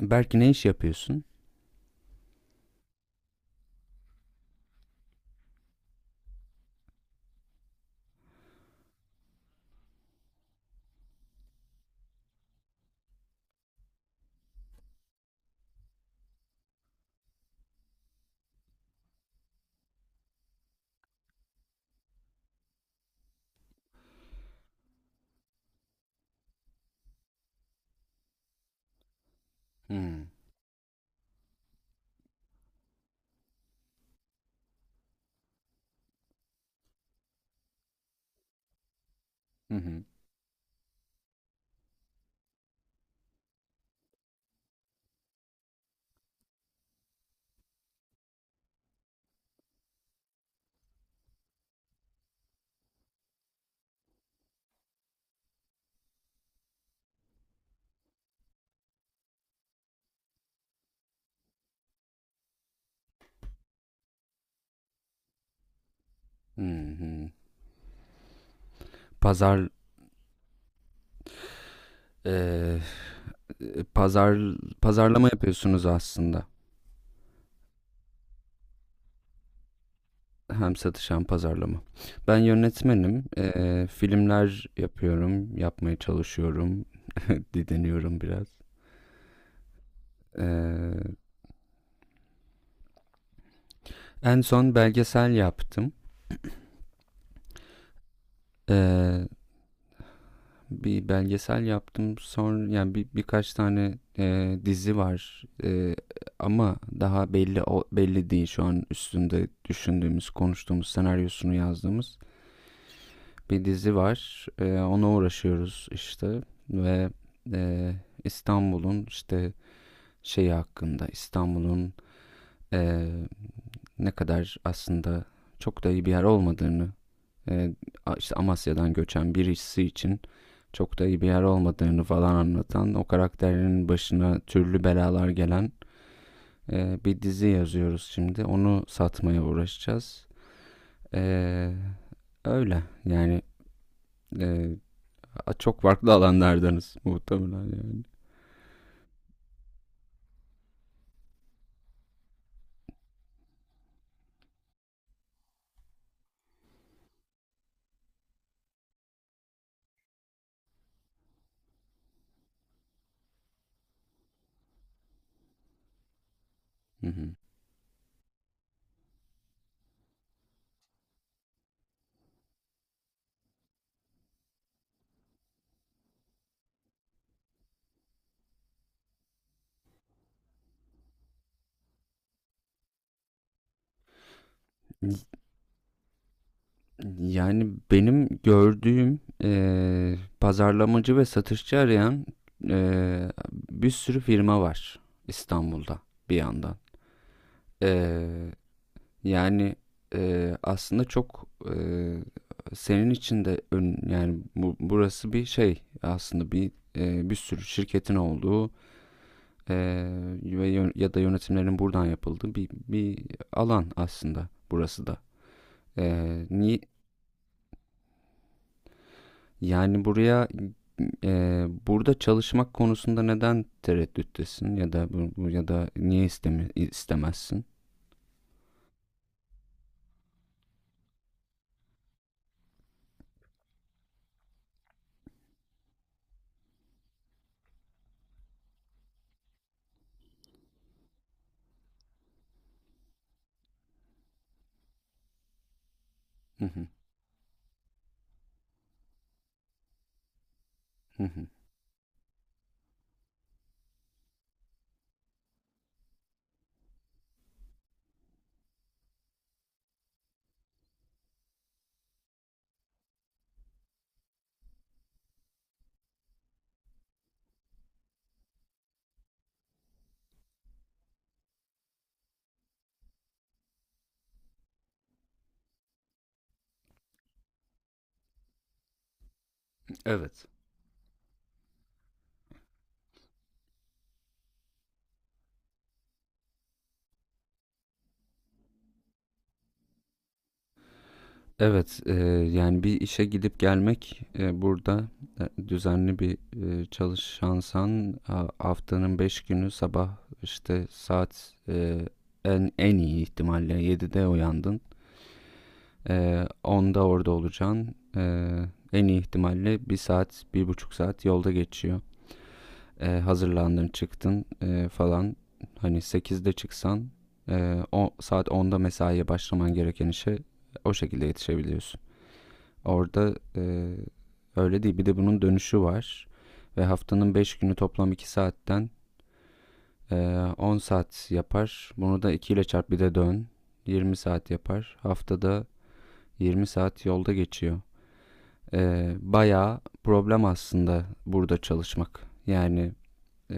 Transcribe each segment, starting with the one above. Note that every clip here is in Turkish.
Belki ne iş yapıyorsun? Hmm. Hı hı. Hı hı. Pazar eee, pazar pazarlama yapıyorsunuz aslında. Hem satış hem pazarlama. Ben yönetmenim. Filmler yapıyorum, yapmaya çalışıyorum, didiniyorum biraz. Eee, en son belgesel yaptım. Eee, bir belgesel yaptım. Sonra yani birkaç tane dizi var. Ama daha belli belli değil şu an üstünde düşündüğümüz, konuştuğumuz, senaryosunu yazdığımız bir dizi var. Ona uğraşıyoruz işte ve e, İstanbul'un işte şeyi hakkında İstanbul'un, e, ne kadar aslında çok da iyi bir yer olmadığını, e, işte Amasya'dan göçen birisi için çok da iyi bir yer olmadığını falan anlatan, o karakterin başına türlü belalar gelen bir dizi yazıyoruz şimdi. Onu satmaya uğraşacağız. E, öyle yani, e, çok farklı alanlardanız muhtemelen yani. Hı hı. Yani benim gördüğüm, pazarlamacı ve satışçı arayan, e, bir sürü firma var İstanbul'da bir yandan. E, Yani aslında çok, senin için de, yani burası bir şey aslında, bir sürü şirketin olduğu, ve yön- ya da yönetimlerin buradan yapıldığı bir alan aslında burası da. Ni yani buraya, burada çalışmak konusunda neden tereddüttesin, ya da niye istemezsin? Hı hı. Hı hı. Evet. Evet, yani bir işe gidip gelmek, burada, düzenli bir, çalışansan, haftanın 5 günü sabah işte saat, en iyi ihtimalle 7'de uyandın. 10'da orada olacaksın. En iyi ihtimalle bir saat, bir buçuk saat yolda geçiyor. Hazırlandın, çıktın, falan. Hani 8'de çıksan, saat onda mesaiye başlaman gereken işe o şekilde yetişebiliyorsun. Orada öyle değil. Bir de bunun dönüşü var. Ve haftanın 5 günü toplam 2 saatten, e, 10 saat yapar. Bunu da 2 ile çarp bir de dön. 20 saat yapar. Haftada 20 saat yolda geçiyor. Bayağı problem aslında burada çalışmak. Yani, e,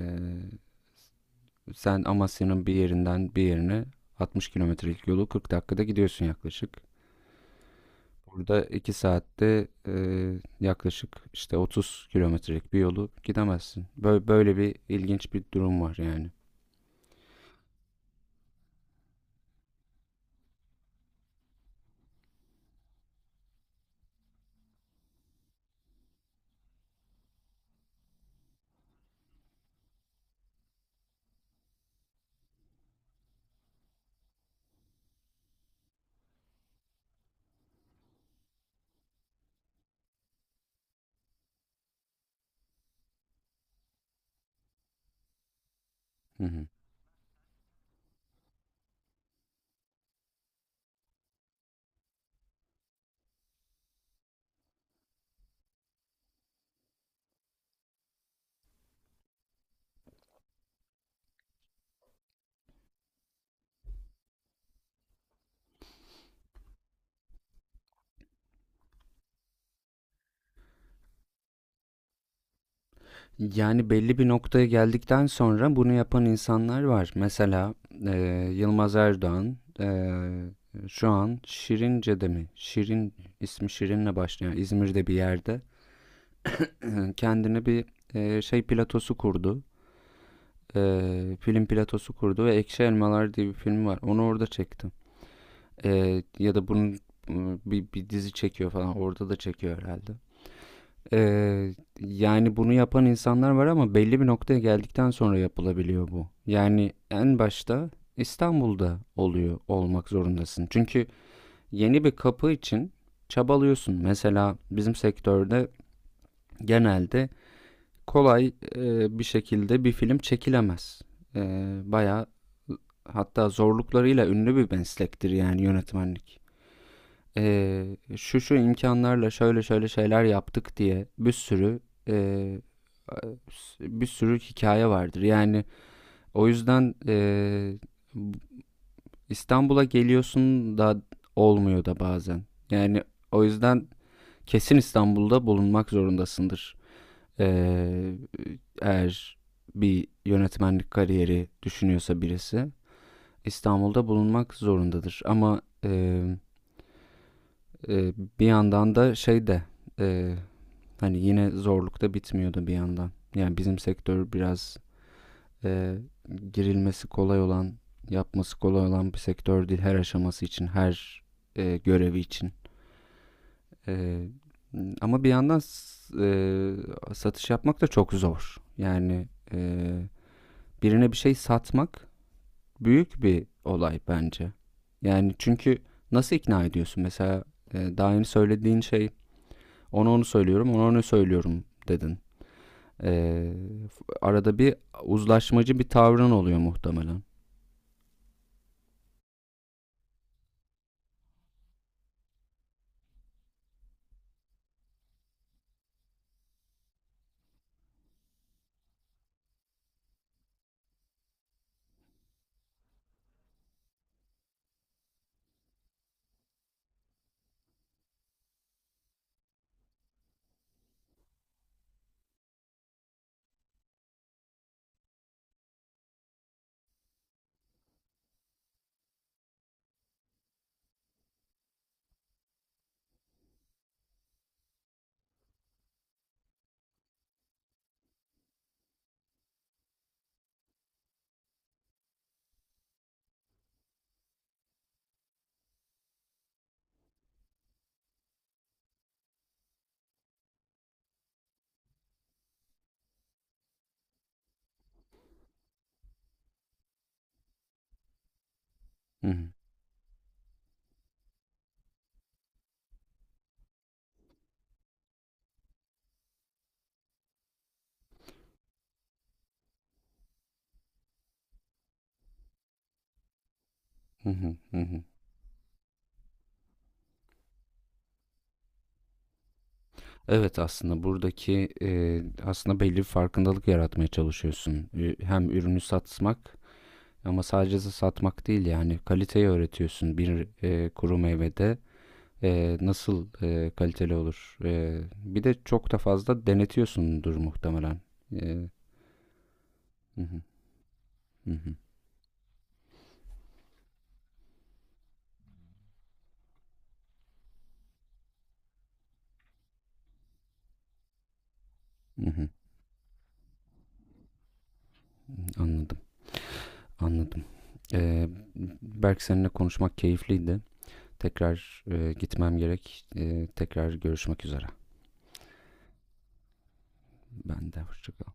sen Amasya'nın bir yerinden bir yerine 60 kilometrelik yolu 40 dakikada gidiyorsun yaklaşık. Burada 2 saatte, yaklaşık işte 30 kilometrelik bir yolu gidemezsin. Böyle bir ilginç bir durum var yani. Hı hı. Yani belli bir noktaya geldikten sonra bunu yapan insanlar var. Mesela, e, Yılmaz Erdoğan, şu an Şirince'de mi? İsmi Şirin'le başlayan İzmir'de bir yerde, kendine bir, şey platosu kurdu. E, film platosu kurdu ve Ekşi Elmalar diye bir film var. Onu orada çekti. Ya da bunun, bir dizi çekiyor falan. Orada da çekiyor herhalde. Eee, yani bunu yapan insanlar var ama belli bir noktaya geldikten sonra yapılabiliyor bu. Yani en başta İstanbul'da oluyor olmak zorundasın. Çünkü yeni bir kapı için çabalıyorsun. Mesela bizim sektörde genelde kolay, bir şekilde bir film çekilemez. E, bayağı, hatta zorluklarıyla ünlü bir meslektir yani yönetmenlik. Şu şu imkanlarla şöyle şöyle şeyler yaptık diye e, bir sürü hikaye vardır. Yani o yüzden, İstanbul'a geliyorsun da olmuyor da bazen. Yani o yüzden kesin İstanbul'da bulunmak zorundasındır. E, eğer bir yönetmenlik kariyeri düşünüyorsa birisi İstanbul'da bulunmak zorundadır. Ama, e, bir yandan da şey de, e, hani yine zorlukta bitmiyordu bir yandan. Yani bizim sektör biraz, e, girilmesi kolay olan, yapması kolay olan bir sektör değil her aşaması için, her, görevi için. E, ama bir yandan, satış yapmak da çok zor. Yani, birine bir şey satmak büyük bir olay bence. Yani çünkü nasıl ikna ediyorsun? Mesela, daha yeni söylediğin şey, ona onu söylüyorum, ona onu söylüyorum dedin. Ee, arada bir uzlaşmacı bir tavrın oluyor muhtemelen. Hı hı, hı hı, hı hı. Evet, aslında buradaki, aslında belli bir farkındalık yaratmaya çalışıyorsun. Hem ürünü satmak ama sadece satmak değil yani kaliteyi öğretiyorsun. Bir, kuru meyvede, nasıl, kaliteli olur? Bir de çok da fazla denetiyorsundur muhtemelen. E, hı hı, hı hı, hı hı. Anladım, anladım. Ee, Berk seninle konuşmak keyifliydi. Tekrar, gitmem gerek. Tekrar görüşmek üzere. Ben de hoşçakal.